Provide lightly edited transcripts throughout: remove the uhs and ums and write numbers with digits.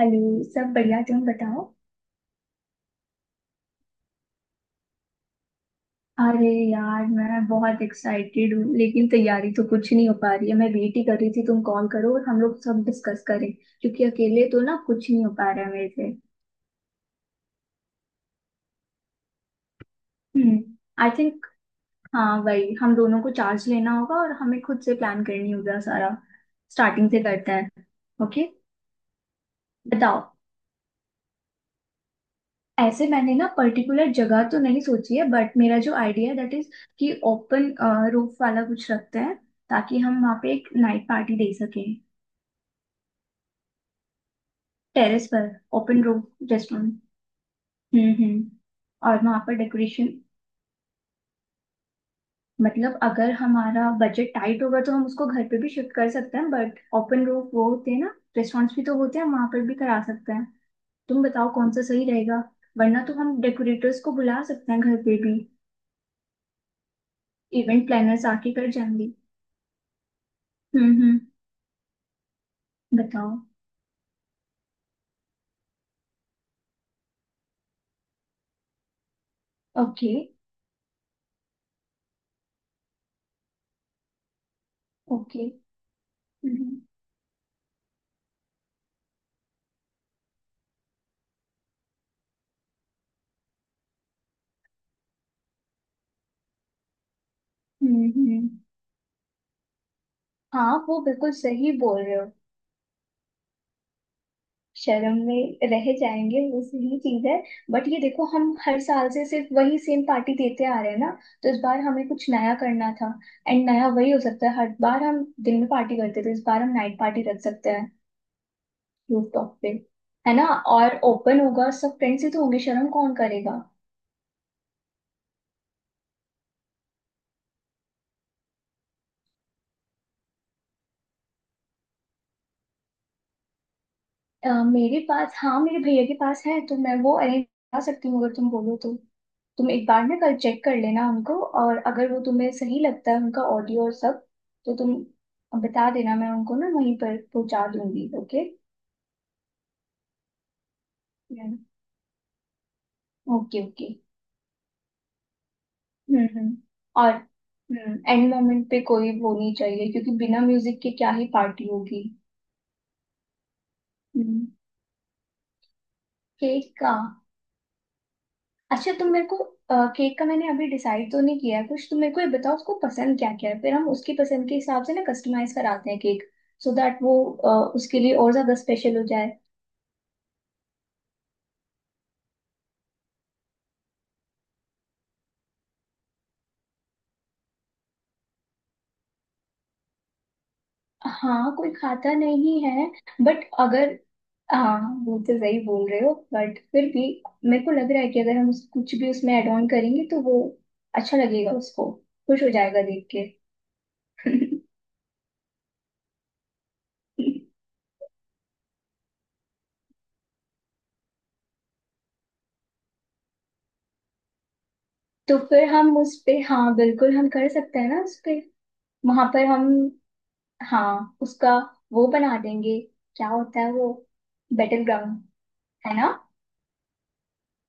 Hello. सब बढ़िया, तुम बताओ। अरे यार, मैं बहुत एक्साइटेड हूँ लेकिन तैयारी तो कुछ नहीं हो पा रही है। मैं वेट ही कर रही थी तुम कॉल करो और हम लोग सब डिस्कस करें। क्योंकि अकेले तो ना कुछ नहीं हो पा रहा है मेरे से। हम्म आई थिंक। हाँ वही, हम दोनों को चार्ज लेना होगा और हमें खुद से प्लान करनी होगा सारा। स्टार्टिंग से करते हैं। ओके। बताओ। ऐसे मैंने ना पर्टिकुलर जगह तो नहीं सोची है बट मेरा जो आइडिया है दैट इज कि ओपन रूफ वाला कुछ रखते हैं, ताकि हम वहाँ पे एक नाइट पार्टी दे सकें। टेरेस पर। Open roof. रेस्टोरेंट। हम्म। और वहाँ पर डेकोरेशन। मतलब अगर हमारा बजट टाइट होगा तो हम उसको घर पे भी शिफ्ट कर सकते हैं, बट ओपन रूफ वो होते हैं ना रेस्टोरेंट्स भी तो होते हैं, हम वहाँ पर भी करा सकते हैं। तुम बताओ कौन सा सही रहेगा। वरना तो हम डेकोरेटर्स को बुला सकते हैं घर पे भी। इवेंट प्लानर्स आके कर जाएंगे। हम्म। बताओ। Okay okay. हम्म हम्म हम्म। हाँ, वो बिल्कुल सही बोल रहे हो। शर्म में रह जाएंगे, वो सही चीज है। बट ये देखो, हम हर साल से सिर्फ वही सेम पार्टी देते आ रहे हैं ना। तो इस बार हमें कुछ नया करना था। एंड नया वही हो सकता है, हर बार हम दिन में पार्टी करते थे, इस बार हम नाइट पार्टी रख सकते हैं रूफटॉप पे। है ना? और ओपन होगा, सब फ्रेंड्स ही तो होंगे, शर्म कौन करेगा। मेरे पास, हाँ मेरे भैया के पास है, तो मैं वो अरेंज करा सकती हूँ अगर तुम बोलो तो। तुम एक बार ना कल चेक कर लेना उनको। और अगर वो तुम्हें सही लगता है, उनका ऑडियो और सब, तो तुम बता देना, मैं उनको ना वहीं पर पहुंचा दूंगी। Okay okay okay. हम्म। और एंड मोमेंट पे कोई वो नहीं चाहिए, क्योंकि बिना म्यूजिक के क्या ही पार्टी होगी। हम्म। केक का। अच्छा, तुम मेरे को, केक का मैंने अभी डिसाइड तो नहीं किया है कुछ। तुम मेरे को ये बताओ उसको पसंद क्या क्या है, फिर हम उसकी पसंद के हिसाब से ना कस्टमाइज कराते हैं केक। सो दैट वो उसके लिए और ज्यादा स्पेशल हो जाए। हाँ, कोई खाता नहीं है। बट अगर हाँ, वो तो सही बोल रहे हो बट फिर भी मेरे को लग रहा है कि अगर हम कुछ भी उसमें ऐड ऑन करेंगे तो वो अच्छा लगेगा उसको, खुश हो जाएगा देख के। तो फिर हम उस पे, हाँ बिल्कुल हम कर सकते हैं ना उस पे। वहां पर हम, हाँ उसका वो बना देंगे। क्या होता है वो? Battleground. है ना?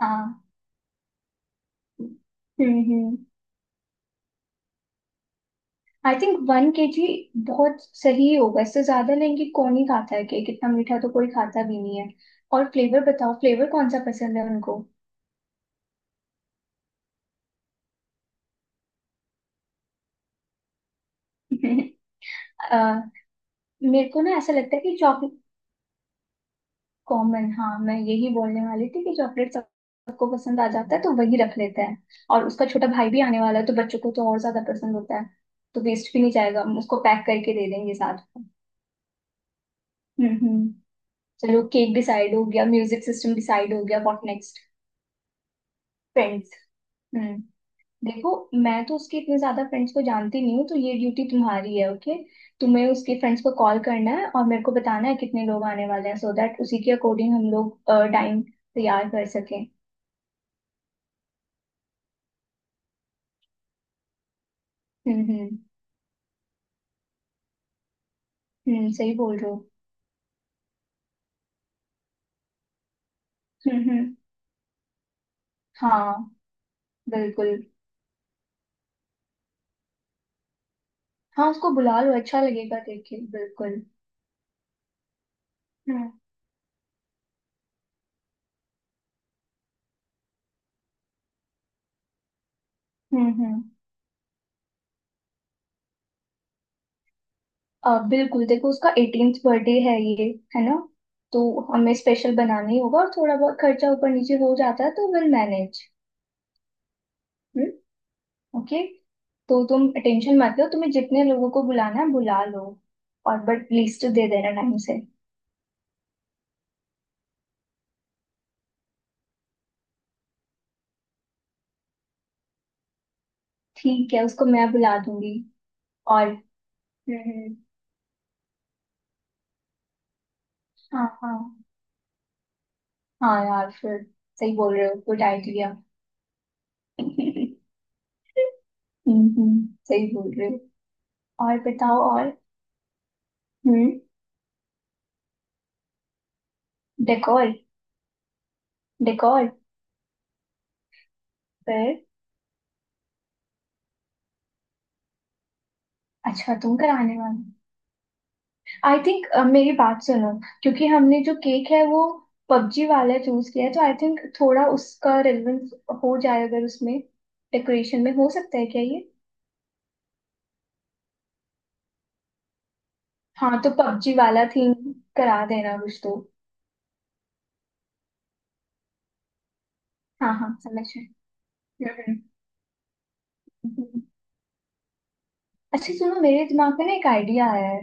हाँ। हम्म। आई थिंक वन केजी बहुत सही होगा, इससे ज्यादा लेंगे कौन ही खाता है केक, इतना मीठा तो कोई खाता भी नहीं है। और फ्लेवर बताओ, फ्लेवर कौन सा पसंद है उनको। अ, मेरे को ना ऐसा लगता है कि चॉकलेट। कॉमन, हाँ मैं यही बोलने वाली थी कि चॉकलेट सबको पसंद आ जाता है, तो वही रख लेते हैं। और उसका छोटा भाई भी आने वाला है, तो बच्चों को तो और ज्यादा पसंद होता है। तो वेस्ट भी नहीं जाएगा, हम उसको पैक करके दे देंगे साथ में। हम्म। चलो, केक डिसाइड हो गया, म्यूजिक सिस्टम डिसाइड हो गया। What next? फ्रेंड्स। हम्म। देखो, मैं तो उसके इतने ज्यादा फ्रेंड्स को जानती नहीं हूँ, तो ये ड्यूटी तुम्हारी है, ओके? तुम्हें उसके फ्रेंड्स को कॉल करना है और मेरे को बताना है कितने लोग आने वाले हैं, सो दैट उसी के अकॉर्डिंग हम लोग टाइम तैयार कर सकें। हम्म हम्म हम्म। सही बोल रहे हो। हम्म। हाँ बिल्कुल। हाँ, उसको बुला लो, अच्छा लगेगा देख के, बिल्कुल। हम्म हम्म। बिल्कुल। देखो, उसका 18th बर्थडे है ये, है ना? तो हमें स्पेशल बनाना ही होगा, और थोड़ा बहुत खर्चा ऊपर नीचे हो जाता है तो विल मैनेज। हम्म। ओके। तो तुम टेंशन मत लो, तुम्हें जितने लोगों को बुलाना है बुला लो। और बट लिस्ट दे देना टाइम से। ठीक है, उसको मैं बुला दूंगी। और हम्म, हाँ हाँ। हाँ यार फिर, सही बोल रहे हो, गुड आइडिया। हम्म। सही बोल रहे हो। और बताओ और। हम्म। डेकोर। डेकोर। पर अच्छा, तुम कराने वाले। आई थिंक, मेरी बात सुनो, क्योंकि हमने जो केक है वो पबजी वाला चूज किया है, तो आई थिंक थोड़ा उसका रेलेवेंस हो जाए अगर उसमें डेकोरेशन में, हो सकता है क्या ये? हाँ तो पबजी वाला थीम करा देना कुछ तो। हाँ हाँ, समझ रहे। हम्म, हम्म, हम्म। अच्छा सुनो, मेरे दिमाग में ना एक आइडिया आया है।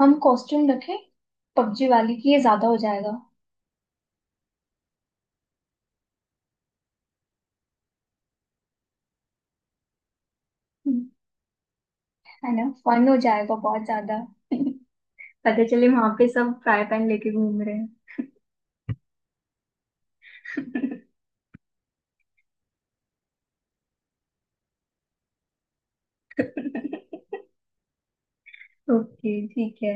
हम कॉस्ट्यूम रखें पबजी वाली की? ये ज्यादा हो जाएगा? हम्म, है ना? फन हो जाएगा बहुत ज्यादा। पता चले वहां पे सब फ्राई पैन लेके घूम रहे हैं। ओके ठीक है।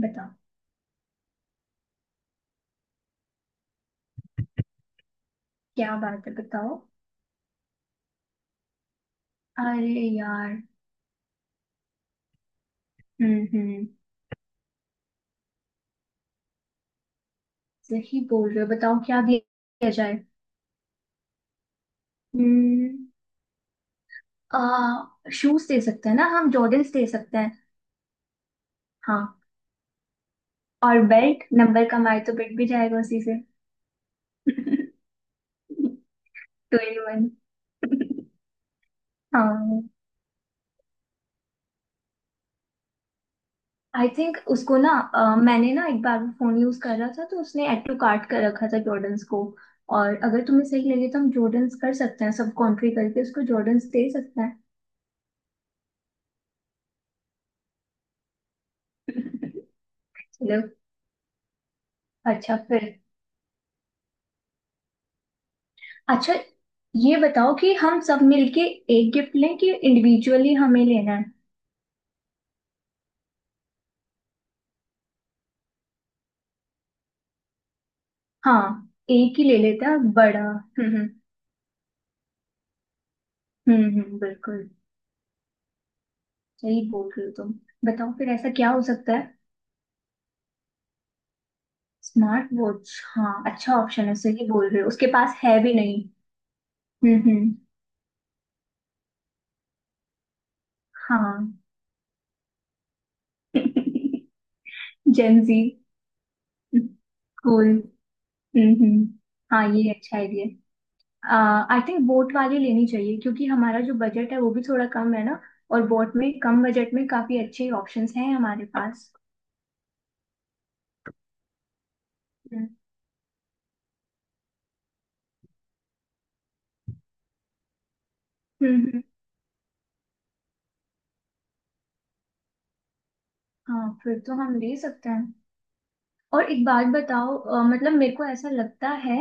बताओ। क्या बात है, बताओ। अरे यार। हम्म। सही बोल रहे हो, बताओ क्या दिया जाए। हम्म। आ शूज दे सकते हैं ना, हम जॉर्डन्स दे सकते हैं। हाँ। और बेल्ट, नंबर कमाए तो बेल्ट भी जाएगा उसी से। To in one. I think उसको ना, मैंने ना एक बार फोन यूज कर रहा था तो उसने एड टू कार्ट कर रखा था जॉर्डन्स को। और अगर तुम्हें सही लगे तो हम जॉर्डन्स कर सकते हैं, सब कॉन्ट्री करके उसको जॉर्डन्स दे सकते हैं। चलो। अच्छा फिर। अच्छा ये बताओ कि हम सब मिलके एक गिफ्ट लें कि इंडिविजुअली हमें लेना है। हाँ, एक ही ले लेते हैं बड़ा। हम्म। बिल्कुल। सही बोल रहे हो तुम। बताओ फिर ऐसा क्या हो सकता है। Smart watch? हाँ अच्छा ऑप्शन है, सही बोल रहे हो, उसके पास है भी नहीं। हम्म। हाँ। जेंजी। कूल। हम्म हम्म, हाँ ये अच्छा आइडिया। आई थिंक बोट वाली लेनी चाहिए, क्योंकि हमारा जो बजट है वो भी थोड़ा कम है ना। और बोट में कम बजट में काफी अच्छे ऑप्शंस हैं हमारे पास। हम्म हम्म, हम्म, हाँ फिर तो हम ले सकते हैं। और एक बात बताओ, मतलब मेरे को ऐसा लगता है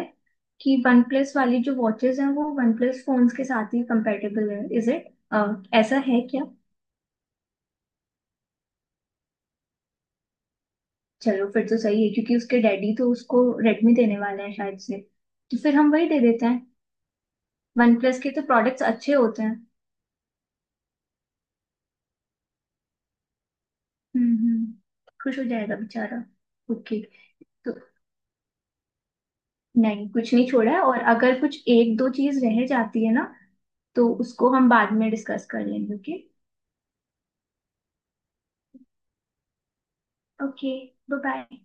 कि वन प्लस वाली जो वॉचेस हैं वो वन प्लस फोन्स के साथ ही कंपेटेबल है, इज इट? ऐसा है क्या। चलो फिर तो सही है, क्योंकि उसके डैडी तो उसको रेडमी देने वाले हैं शायद से, तो फिर हम वही दे देते हैं। वन प्लस के तो प्रोडक्ट्स अच्छे होते हैं। हम्म। खुश हो जाएगा बेचारा। ओके। तो नहीं, कुछ नहीं छोड़ा है, और अगर कुछ एक दो चीज रह जाती है ना तो उसको हम बाद में डिस्कस कर लेंगे। ओके। Okay bye bye.